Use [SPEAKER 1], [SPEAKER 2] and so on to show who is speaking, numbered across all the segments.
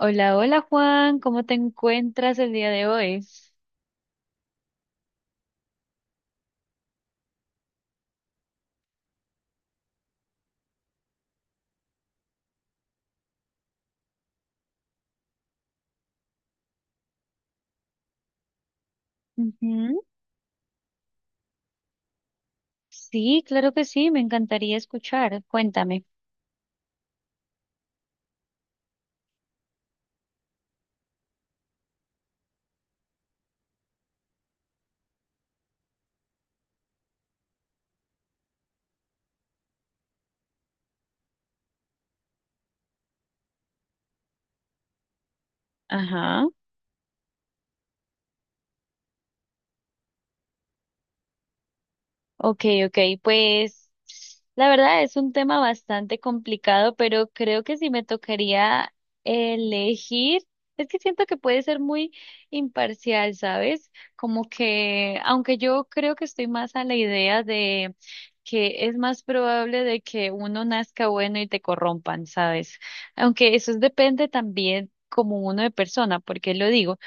[SPEAKER 1] Hola, hola Juan, ¿cómo te encuentras el día de hoy? Ujú. Sí, claro que sí, me encantaría escuchar. Cuéntame. Ajá. Okay, okay, pues la verdad es un tema bastante complicado, pero creo que si me tocaría elegir, es que siento que puede ser muy imparcial, ¿sabes? Como que, aunque yo creo que estoy más a la idea de que es más probable de que uno nazca bueno y te corrompan, ¿sabes? Aunque eso depende también como uno de persona, porque lo digo.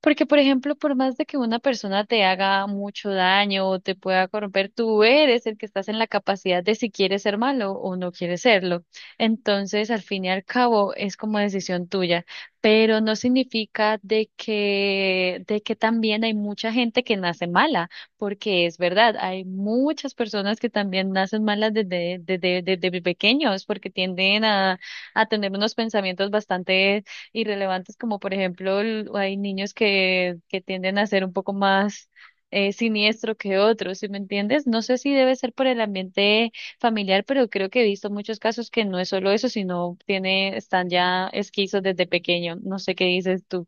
[SPEAKER 1] Porque, por ejemplo, por más de que una persona te haga mucho daño o te pueda corromper, tú eres el que estás en la capacidad de si quieres ser malo o no quieres serlo. Entonces, al fin y al cabo, es como decisión tuya, pero no significa de que también hay mucha gente que nace mala, porque es verdad, hay muchas personas que también nacen malas desde pequeños, porque tienden a tener unos pensamientos bastante irrelevantes, como por ejemplo hay niños que tienden a ser un poco más siniestro que otros, ¿sí me entiendes? No sé si debe ser por el ambiente familiar, pero creo que he visto muchos casos que no es solo eso, sino tiene, están ya esquizos desde pequeño. No sé qué dices tú.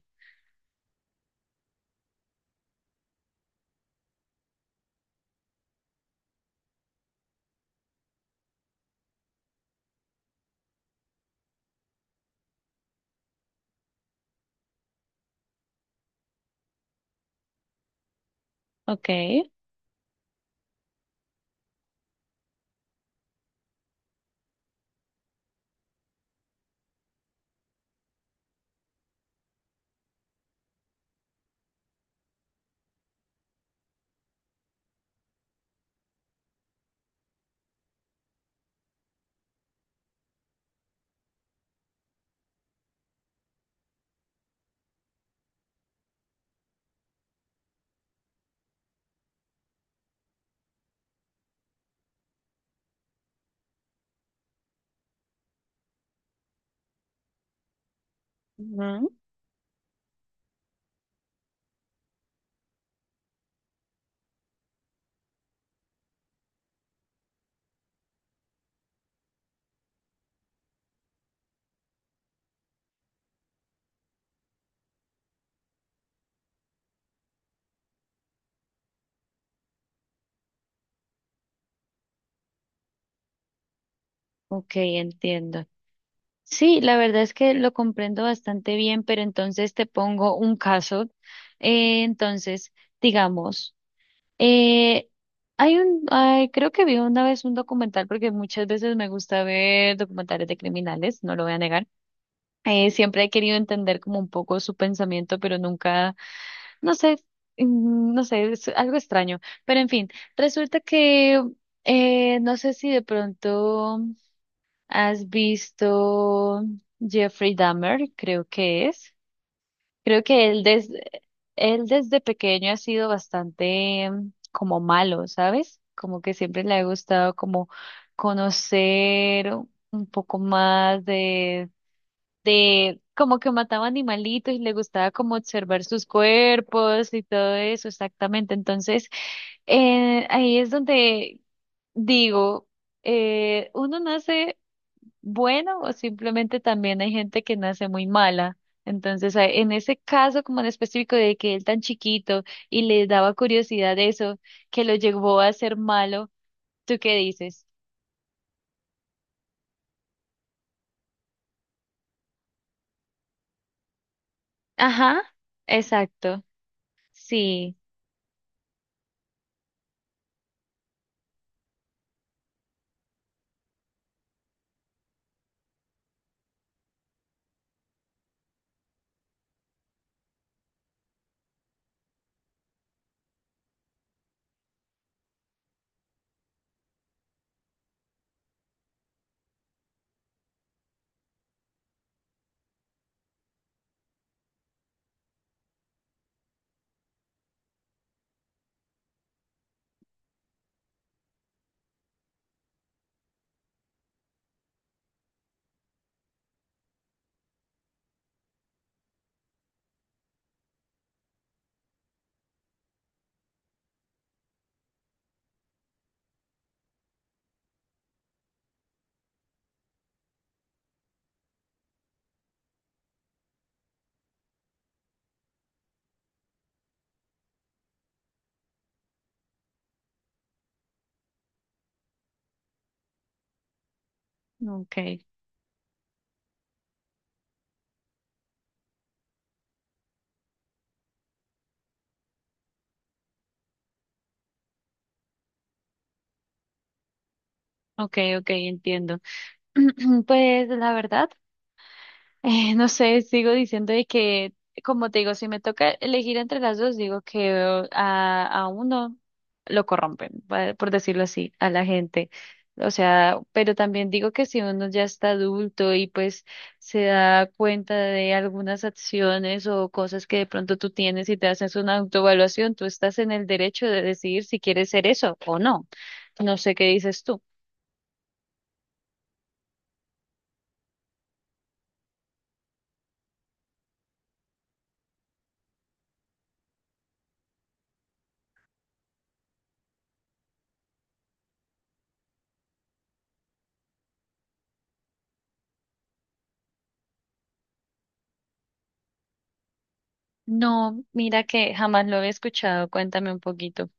[SPEAKER 1] Okay. Ujú. Ok, entiendo. Sí, la verdad es que lo comprendo bastante bien, pero entonces te pongo un caso. Entonces, digamos. Eh, Hay un, ay, creo que vi una vez un documental, porque muchas veces me gusta ver documentales de criminales, no lo voy a negar. Siempre he querido entender como un poco su pensamiento, pero nunca, no sé, no sé, es algo extraño. Pero en fin, resulta que no sé si de pronto has visto Jeffrey Dahmer, creo que es. Creo que él desde pequeño ha sido bastante como malo, ¿sabes? Como que siempre le ha gustado como conocer un poco más como que mataba animalitos y le gustaba como observar sus cuerpos y todo eso, exactamente. Entonces, ahí es donde digo, uno nace bueno o simplemente también hay gente que nace muy mala. Entonces, en ese caso como en específico de que él tan chiquito y le daba curiosidad eso, que lo llevó a ser malo, ¿tú qué dices? Ajá, exacto. Sí, ok, ok, entiendo. Pues la verdad. No sé, sigo diciendo de que, como te digo, si me toca elegir entre las dos, digo que a uno lo corrompen, por decirlo así, a la gente. O sea, pero también digo que si uno ya está adulto y pues se da cuenta de algunas acciones o cosas que de pronto tú tienes y te haces una autoevaluación, tú estás en el derecho de decidir si quieres ser eso o no. No sé qué dices tú. No, mira que jamás lo he escuchado. Cuéntame un poquito.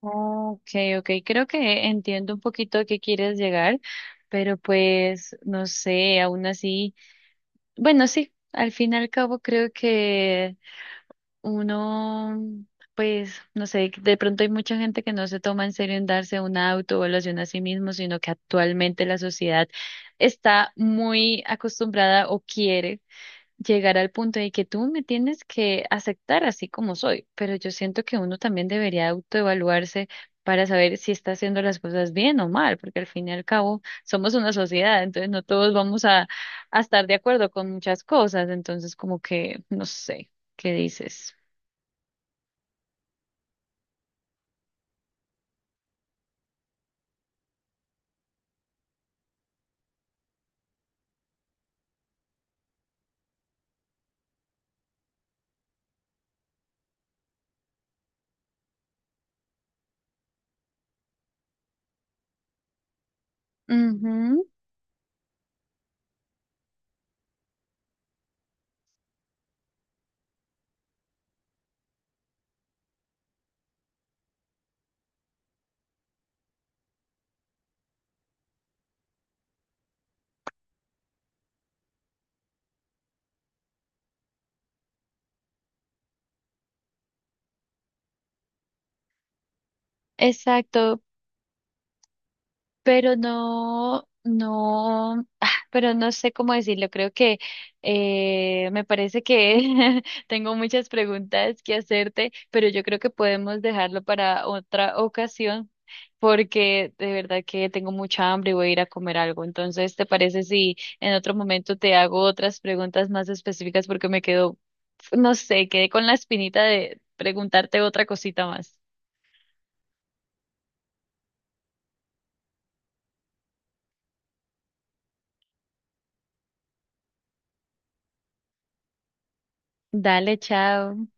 [SPEAKER 1] Ok, ok, creo que entiendo un poquito a qué quieres llegar, pero pues no sé, aún así, bueno, sí, al fin y al cabo creo que uno, pues no sé, de pronto hay mucha gente que no se toma en serio en darse una autoevaluación a sí mismo, sino que actualmente la sociedad está muy acostumbrada o quiere llegar al punto de que tú me tienes que aceptar así como soy, pero yo siento que uno también debería autoevaluarse para saber si está haciendo las cosas bien o mal, porque al fin y al cabo somos una sociedad, entonces no todos vamos a estar de acuerdo con muchas cosas, entonces como que, no sé, ¿qué dices? Ujú, exacto, pero ah, pero no sé cómo decirlo. Creo que me parece que tengo muchas preguntas que hacerte, pero yo creo que podemos dejarlo para otra ocasión. Porque de verdad que tengo mucha hambre y voy a ir a comer algo. Entonces, ¿te parece si en otro momento te hago otras preguntas más específicas porque me quedo, no sé, quedé con la espinita de preguntarte otra cosita más? Dale, chao.